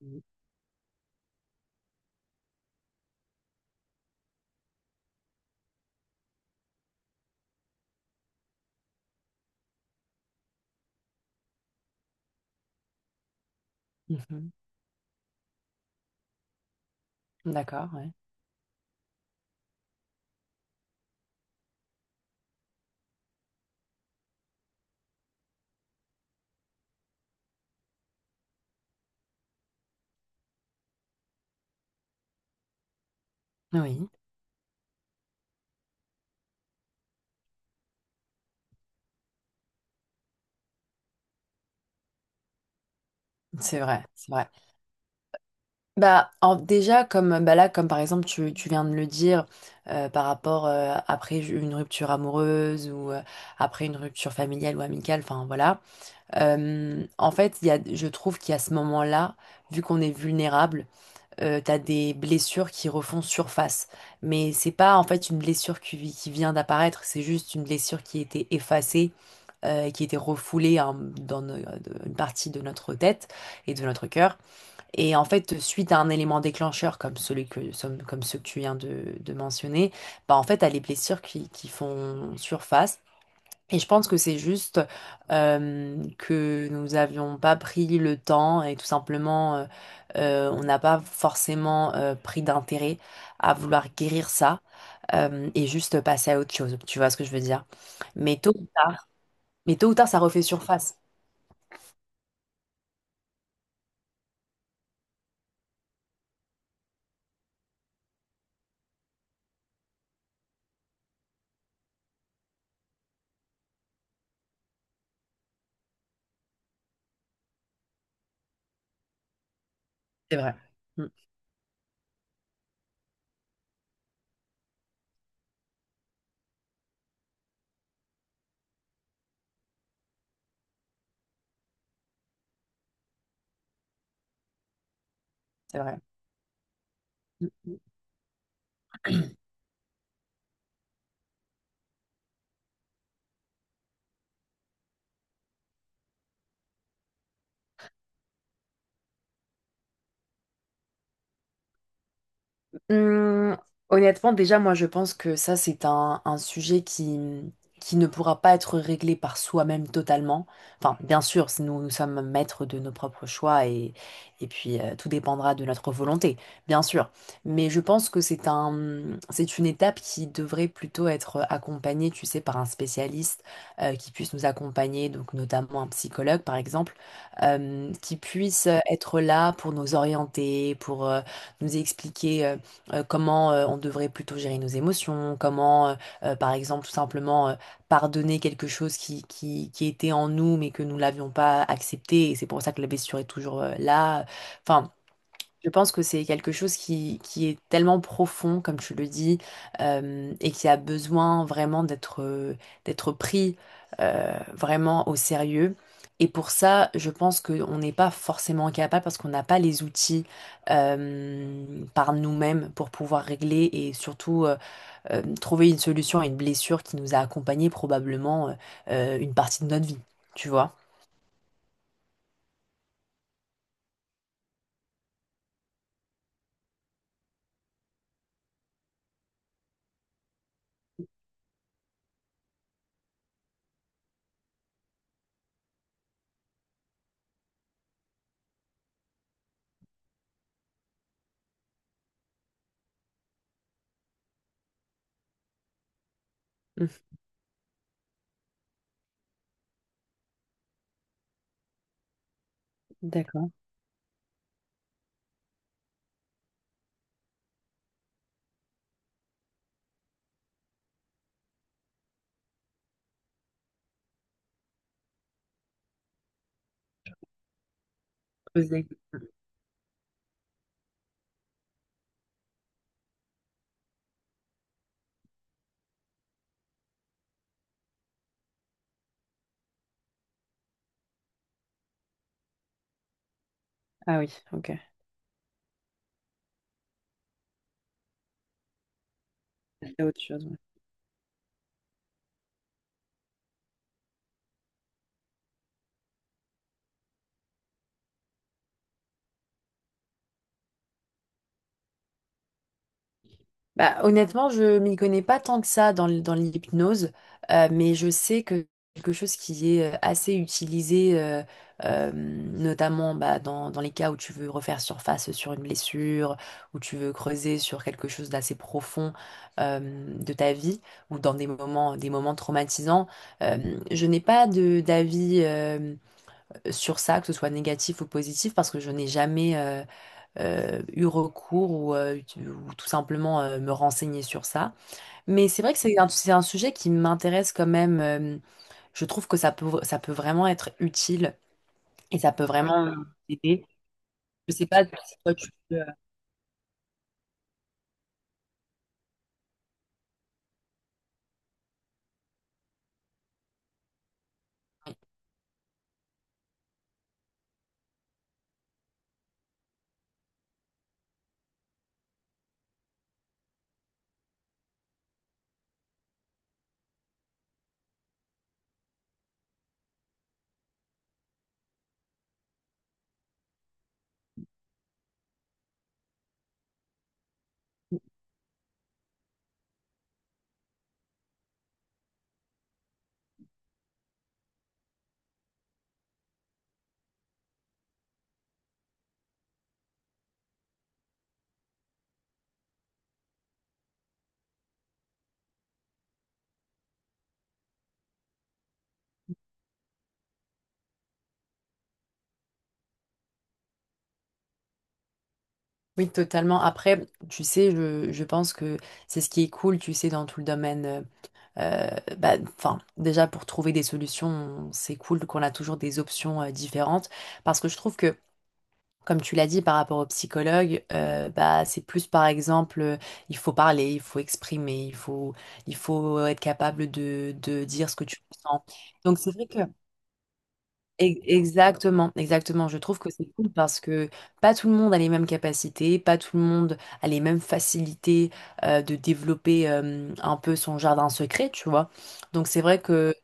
Mhm. Mhm. D'accord, ouais. Oui, c'est vrai, c'est vrai. Bah, en- déjà, comme bah là, comme par exemple, tu viens de le dire, par rapport après une rupture amoureuse ou après une rupture familiale ou amicale, enfin voilà. En fait, il y a, je trouve qu'il y a ce moment-là, vu qu'on est vulnérable, t'as des blessures qui refont surface. Mais c'est pas en fait une blessure qui vient d'apparaître, c'est juste une blessure qui était effacée qui était refoulée hein, dans une partie de notre tête et de notre cœur. Et en fait, suite à un élément déclencheur comme comme ceux que tu viens de mentionner, bah en fait, t'as les blessures qui font surface. Et je pense que c'est juste que nous n'avions pas pris le temps et tout simplement, on n'a pas forcément pris d'intérêt à vouloir guérir ça et juste passer à autre chose. Tu vois ce que je veux dire? Mais tôt, mais tôt ou tard, ça refait surface. C'est vrai. Mm, c'est vrai. Mm. Hum, Honnêtement, déjà, moi, je pense que ça, c'est un sujet qui ne pourra pas être réglé par soi-même totalement. Enfin, bien sûr, si nous, nous sommes maîtres de nos propres choix et puis tout dépendra de notre volonté, bien sûr. Mais je pense que c'est une étape qui devrait plutôt être accompagnée, tu sais, par un spécialiste qui puisse nous accompagner, donc notamment un psychologue, par exemple, qui puisse être là pour nous orienter, pour nous expliquer, comment on devrait plutôt gérer nos émotions, comment, par exemple, tout simplement pardonner quelque chose qui était en nous mais que nous l'avions pas accepté et c'est pour ça que la blessure est toujours là. Enfin, je pense que c'est quelque chose qui est tellement profond, comme tu le dis, et qui a besoin vraiment d'être pris vraiment au sérieux. Et pour ça, je pense qu'on n'est pas forcément capable parce qu'on n'a pas les outils par nous-mêmes pour pouvoir régler et surtout trouver une solution à une blessure qui nous a accompagnés probablement une partie de notre vie, tu vois? Mhm. D'accord. Poser. Ah oui, ok. C'est autre chose. Bah, honnêtement, je m'y connais pas tant que ça dans, dans l'hypnose, mais je sais que quelque chose qui est assez utilisé, notamment bah, dans, dans les cas où tu veux refaire surface sur une blessure, où tu veux creuser sur quelque chose d'assez profond euh, de ta vie, ou dans des moments traumatisants. Euh, je n'ai pas de d'avis sur ça, que ce soit négatif ou positif, parce que je n'ai jamais, eu recours ou tout simplement me renseigner sur ça. Mais c'est vrai que c'est un sujet qui m'intéresse quand même. Je trouve que ça peut vraiment être utile et ça peut vraiment aider. Je sais pas si toi tu peux... Oui, totalement. Après, tu sais, je pense que c'est ce qui est cool, tu sais, dans tout le domaine. euh, Bah, enfin, déjà, pour trouver des solutions, c'est cool qu'on a toujours des options différentes. Parce que je trouve que comme tu l'as dit par rapport au psychologue, bah, c'est plus par exemple, il faut parler, il faut exprimer, il faut être capable de dire ce que tu ressens. Donc c'est vrai que... Exactement, exactement. Je trouve que c'est cool parce que pas tout le monde a les mêmes capacités, pas tout le monde a les mêmes facilités de développer un peu son jardin secret, tu vois. Donc c'est vrai que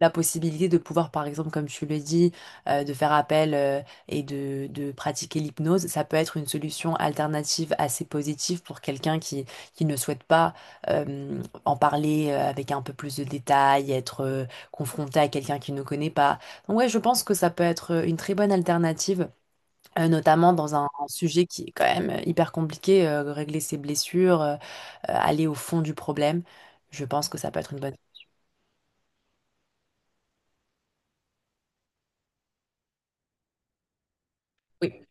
la possibilité de pouvoir, par exemple, comme tu le dis, de faire appel et de pratiquer l'hypnose, ça peut être une solution alternative assez positive pour quelqu'un qui ne souhaite pas en parler avec un peu plus de détails, être confronté à quelqu'un qui ne connaît pas. Donc ouais, je pense que ça peut être une très bonne alternative. Notamment dans un sujet qui est quand même hyper compliqué, régler ses blessures, aller au fond du problème. Je pense que ça peut être une bonne... Oui.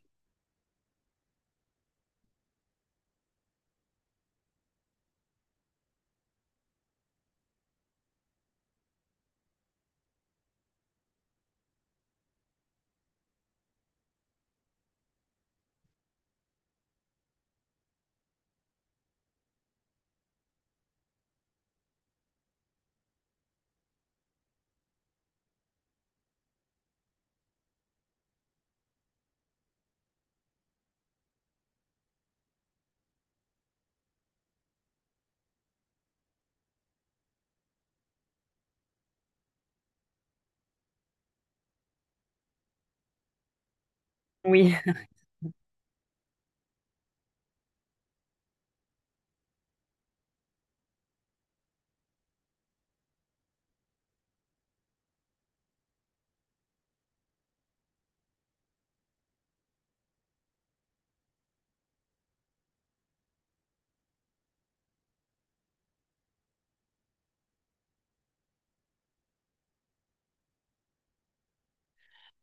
Oui,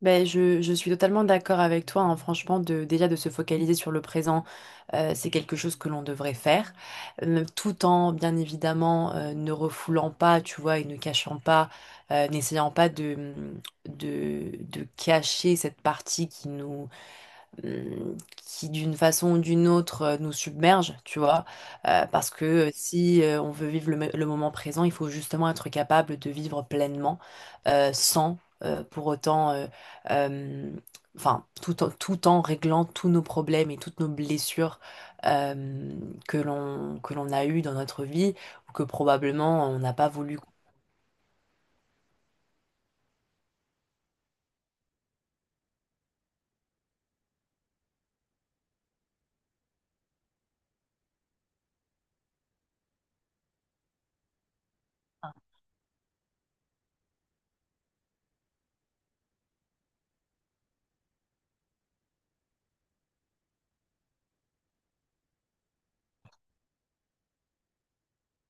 ben, je suis totalement d'accord avec toi, hein. Franchement, de, déjà de se focaliser sur le présent, c'est quelque chose que l'on devrait faire. Tout en, bien évidemment, ne refoulant pas, tu vois, et ne cachant pas, n'essayant pas de, de cacher cette partie qui nous, qui d'une façon ou d'une autre nous submerge, tu vois. Parce que si on veut vivre le, le moment présent, il faut justement être capable de vivre pleinement sans pour autant, euh, enfin, tout en, tout en réglant tous nos problèmes et toutes nos blessures euh, que l'on a eues dans notre vie ou que probablement on n'a pas voulu.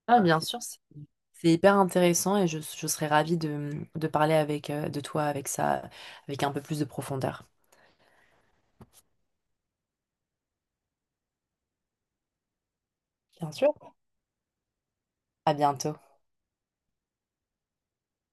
Ah, bien sûr, c'est hyper intéressant et je serais ravie de parler avec, de toi avec ça, avec un peu plus de profondeur. Bien sûr. À bientôt.